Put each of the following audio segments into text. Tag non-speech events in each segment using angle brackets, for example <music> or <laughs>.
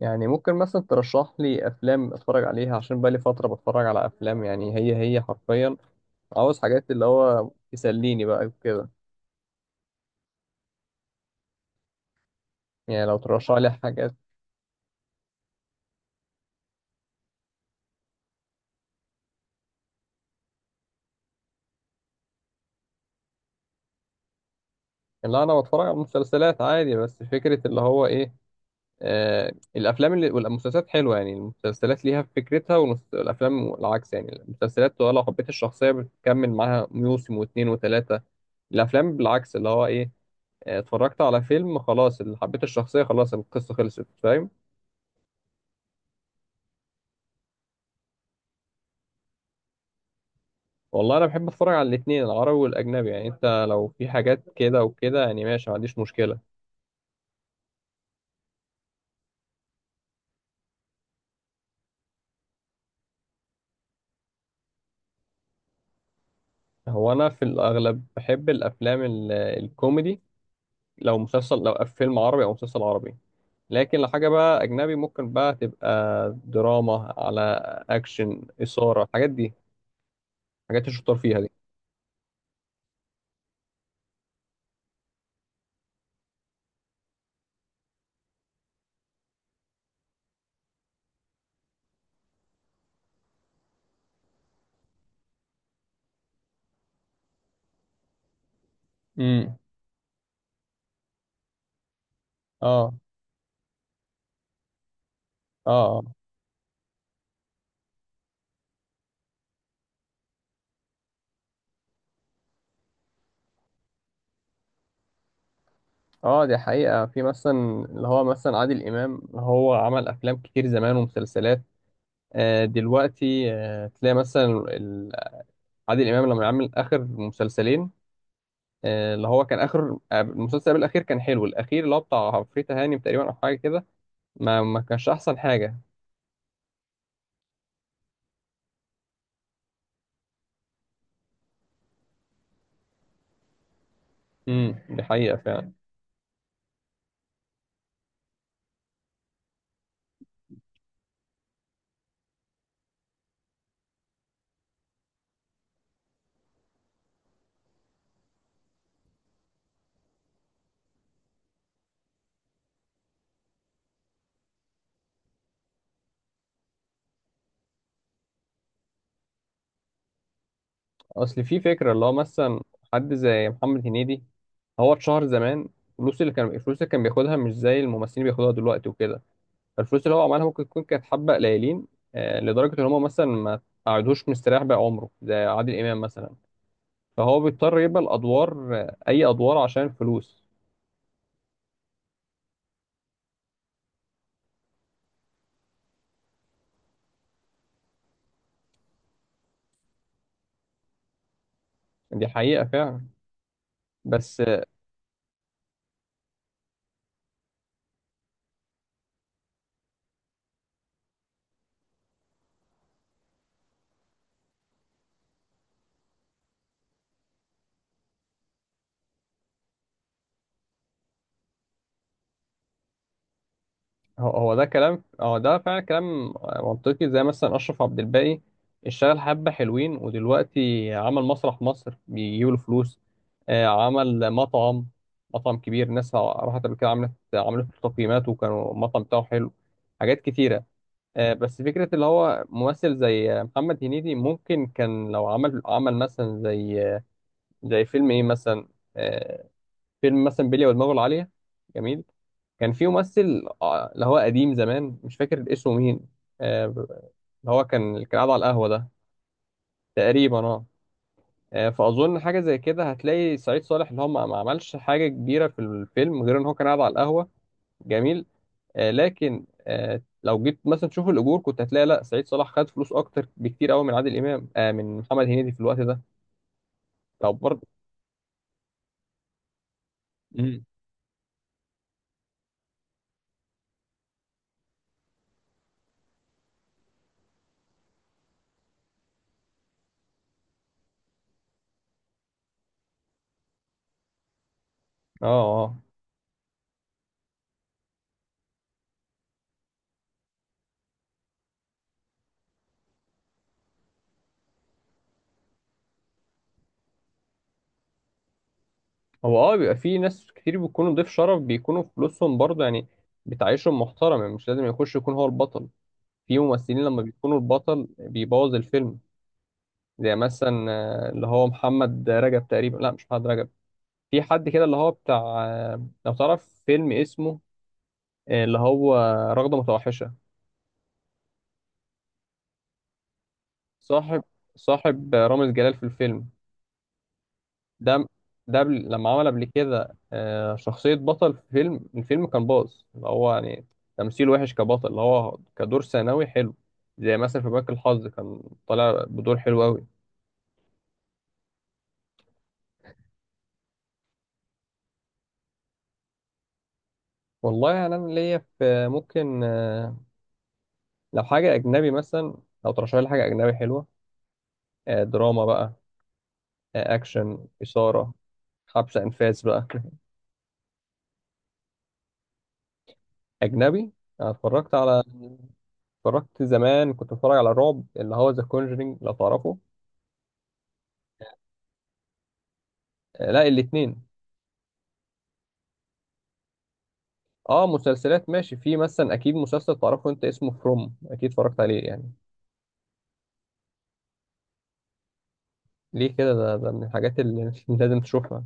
يعني ممكن مثلا ترشح لي افلام اتفرج عليها عشان بقالي فتره بتفرج على افلام، يعني هي حرفيا. عاوز حاجات اللي هو تسليني بقى وكده. يعني لو ترشح لي حاجات. لا انا بتفرج على مسلسلات عادي. بس فكره اللي هو ايه. آه الافلام والمسلسلات حلوه. يعني المسلسلات ليها فكرتها، والافلام العكس. يعني المسلسلات لو حبيت الشخصيه بتكمل معاها موسم واتنين وتلاته. الافلام بالعكس اللي هو ايه. اتفرجت على فيلم خلاص، اللي حبيت الشخصيه خلاص، القصه خلصت، فاهم. والله انا بحب اتفرج على الاثنين، العربي والاجنبي. يعني انت لو في حاجات كده وكده يعني ماشي، ما عنديش مشكله. هو انا في الاغلب بحب الافلام الكوميدي، لو مسلسل لو فيلم عربي او مسلسل عربي. لكن لو حاجه بقى اجنبي ممكن بقى تبقى دراما، على اكشن، اثاره، الحاجات دي، الحاجات الشطار فيها دي. امم. اه. اه. اه. دي حقيقة، في مثلا اللي هو مثلا عادل إمام هو عمل أفلام كتير زمان ومسلسلات. دلوقتي تلاقي مثلا عادل امام لما عمل اخر مسلسلين، اللي هو كان اخر المسلسل قبل الاخير كان حلو. الاخير اللي هو بتاع عفريت هانم تقريبا او حاجه كده، ما كانش احسن حاجه. امم، دي حقيقه فعلا. اصل في فكره اللي هو مثلا، حد زي محمد هنيدي، هو اتشهر زمان. الفلوس اللي كان بياخدها مش زي الممثلين بياخدوها دلوقتي وكده. فالفلوس اللي هو عملها ممكن تكون كانت حبه قليلين، لدرجه ان هم مثلا ما قعدوش مستريح بقى عمره زي عادل امام مثلا. فهو بيضطر يبقى الادوار اي ادوار عشان الفلوس. دي حقيقة فعلا. بس هو ده فعلا كلام منطقي. زي مثلا أشرف عبد الباقي، اشتغل حبة حلوين، ودلوقتي عمل مسرح مصر بيجيب له فلوس. عمل مطعم، مطعم كبير، ناس راحت قبل كده عملت له تقييمات وكانوا المطعم بتاعه حلو. حاجات كتيرة. بس فكرة اللي هو ممثل زي محمد هنيدي ممكن كان لو عمل مثلا زي فيلم ايه مثلا. آه، فيلم مثلا بلية ودماغه العالية. جميل. كان في ممثل اللي هو قديم زمان مش فاكر اسمه مين. اللي هو كان اللي كان قاعد على القهوة ده. تقريبا اه. فأظن حاجة زي كده هتلاقي سعيد صالح اللي هو ما عملش حاجة كبيرة في الفيلم غير إن هو كان قاعد على القهوة. جميل. لكن لو جيت مثلا تشوف الأجور كنت هتلاقي لا، سعيد صالح خد فلوس أكتر بكتير أوي من عادل إمام من محمد هنيدي في الوقت ده. طب برضه. مم. اه. اه. هو بيبقى في ناس كتير بيكونوا ضيف شرف بيكونوا فلوسهم برضه يعني بتعيشهم محترم. يعني مش لازم يخش يكون هو البطل. في ممثلين لما بيكونوا البطل بيبوظ الفيلم. زي مثلا اللي هو محمد رجب تقريبا، لا مش محمد رجب. في حد كده اللي هو بتاع لو تعرف فيلم اسمه اللي هو رغدة متوحشة. صاحب صاحب رامز جلال في الفيلم ده. ده لما عمل قبل كده شخصية بطل في الفيلم كان باظ، اللي هو يعني تمثيل وحش كبطل، اللي هو كدور ثانوي حلو. زي مثلا في بنك الحظ كان طالع بدور حلو أوي. والله يعني أنا ليا في ممكن لو حاجة أجنبي مثلا. لو ترشح لي حاجة أجنبي حلوة، دراما بقى، أكشن، إثارة، حبس أنفاس بقى. أجنبي. أنا اتفرجت زمان، كنت بتفرج على الرعب اللي هو ذا كونجرينج لو تعرفه. لا، الاتنين. اه، مسلسلات ماشي. في مثلا اكيد مسلسل تعرفه انت اسمه فروم، اكيد اتفرجت عليه يعني. ليه كده؟ ده من الحاجات اللي <laughs> لازم تشوفها.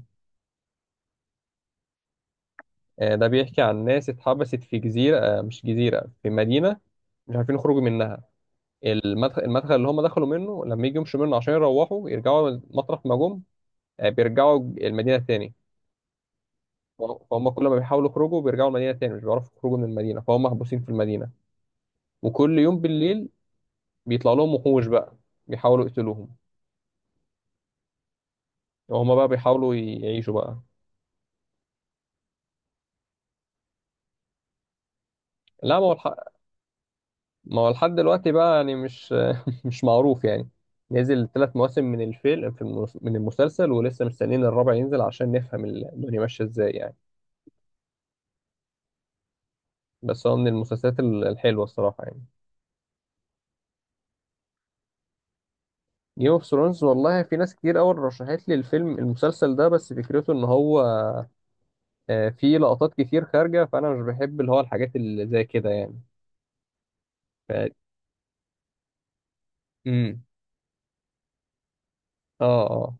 آه ده بيحكي عن ناس اتحبست في جزيرة، مش جزيرة، في مدينة، مش عارفين يخرجوا منها. المدخل اللي هم دخلوا منه لما يجي يمشوا منه عشان يروحوا يرجعوا مطرح ما جم، بيرجعوا المدينة تاني. فهم كل ما بيحاولوا يخرجوا بيرجعوا المدينة تاني، مش بيعرفوا يخرجوا من المدينة، فهم محبوسين في المدينة. وكل يوم بالليل بيطلع لهم وحوش بقى بيحاولوا يقتلوهم، وهم بقى بيحاولوا يعيشوا بقى. لا، ما هو لحد دلوقتي بقى يعني مش <laughs> مش معروف يعني. نزل 3 مواسم من المسلسل، ولسه مستنيين الرابع ينزل عشان نفهم الدنيا ماشيه ازاي يعني. بس هو من المسلسلات الحلوه الصراحه يعني. جيم اوف ثرونز؟ والله في ناس كتير قوي رشحت لي المسلسل ده، بس فكرته ان هو فيه لقطات كتير خارجه فانا مش بحب اللي هو الحاجات اللي زي كده يعني. ف... امم. اه. اه.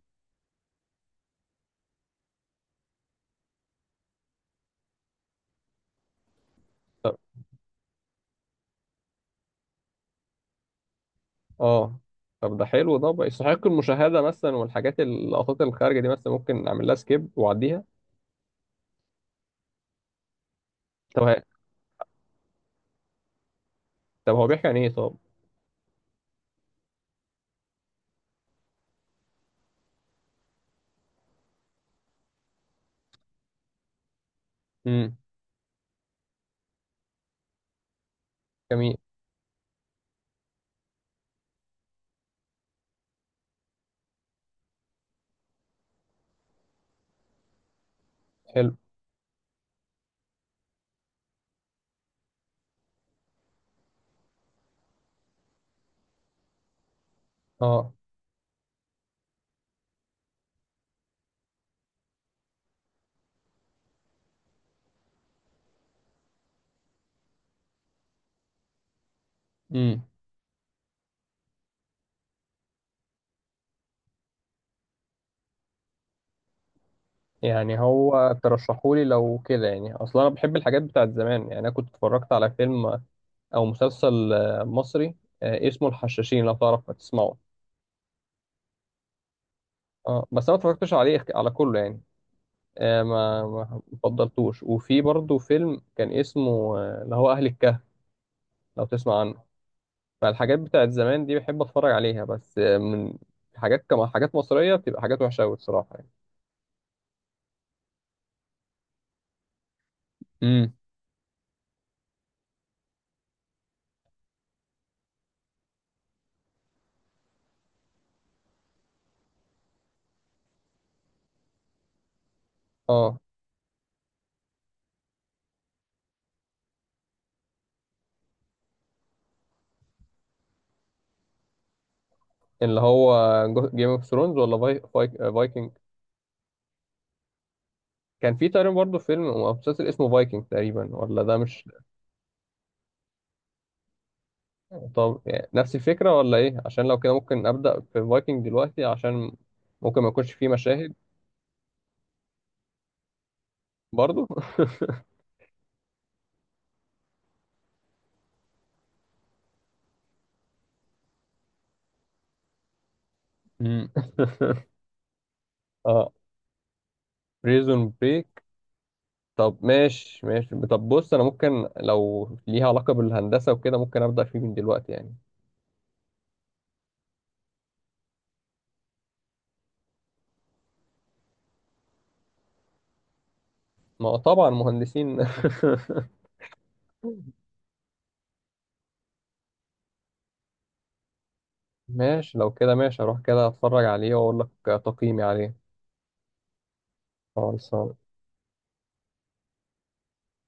اه. طب ده حلو، ده بقى يستحق المشاهدة مثلا. والحاجات، اللقطات الخارجة دي، مثلا ممكن أعمل لها سكيب وأعديها. طب ه- طب هو بيحكي عن إيه طب؟ امم. جميل. حلو. اه. امم. يعني هو ترشحولي لو كده. يعني أصلا أنا بحب الحاجات بتاعت زمان. يعني أنا كنت اتفرجت على فيلم أو مسلسل مصري، اسمه الحشاشين لو تعرف تسمعه. اه، بس أنا ما اتفرجتش عليه على كله يعني. ما فضلتوش. وفي برضه فيلم كان اسمه اللي هو أهل الكهف، لو تسمع عنه. فالحاجات بتاعت زمان دي بحب اتفرج عليها، بس من حاجات مصرية بتبقى حاجات وحشة أوي الصراحة يعني. امم. اه. اللي هو جيم اوف ثرونز ولا فايكنج؟ كان في تقريبا برضه فيلم او مسلسل اسمه فايكنج تقريبا، ولا ده مش؟ طب يعني نفس الفكرة ولا ايه؟ عشان لو كده ممكن أبدأ في فايكنج دلوقتي، عشان ممكن ما يكونش فيه مشاهد. برضه. امم. <laughs> اه. بريزون بريك؟ طب ماشي ماشي. طب بص، انا ممكن لو ليها علاقة بالهندسة وكده ممكن أبدأ فيه من دلوقتي يعني. ما هو طبعا مهندسين <laughs> ماشي، لو كده ماشي، اروح كده اتفرج عليه واقول لك تقييمي عليه. خلاص.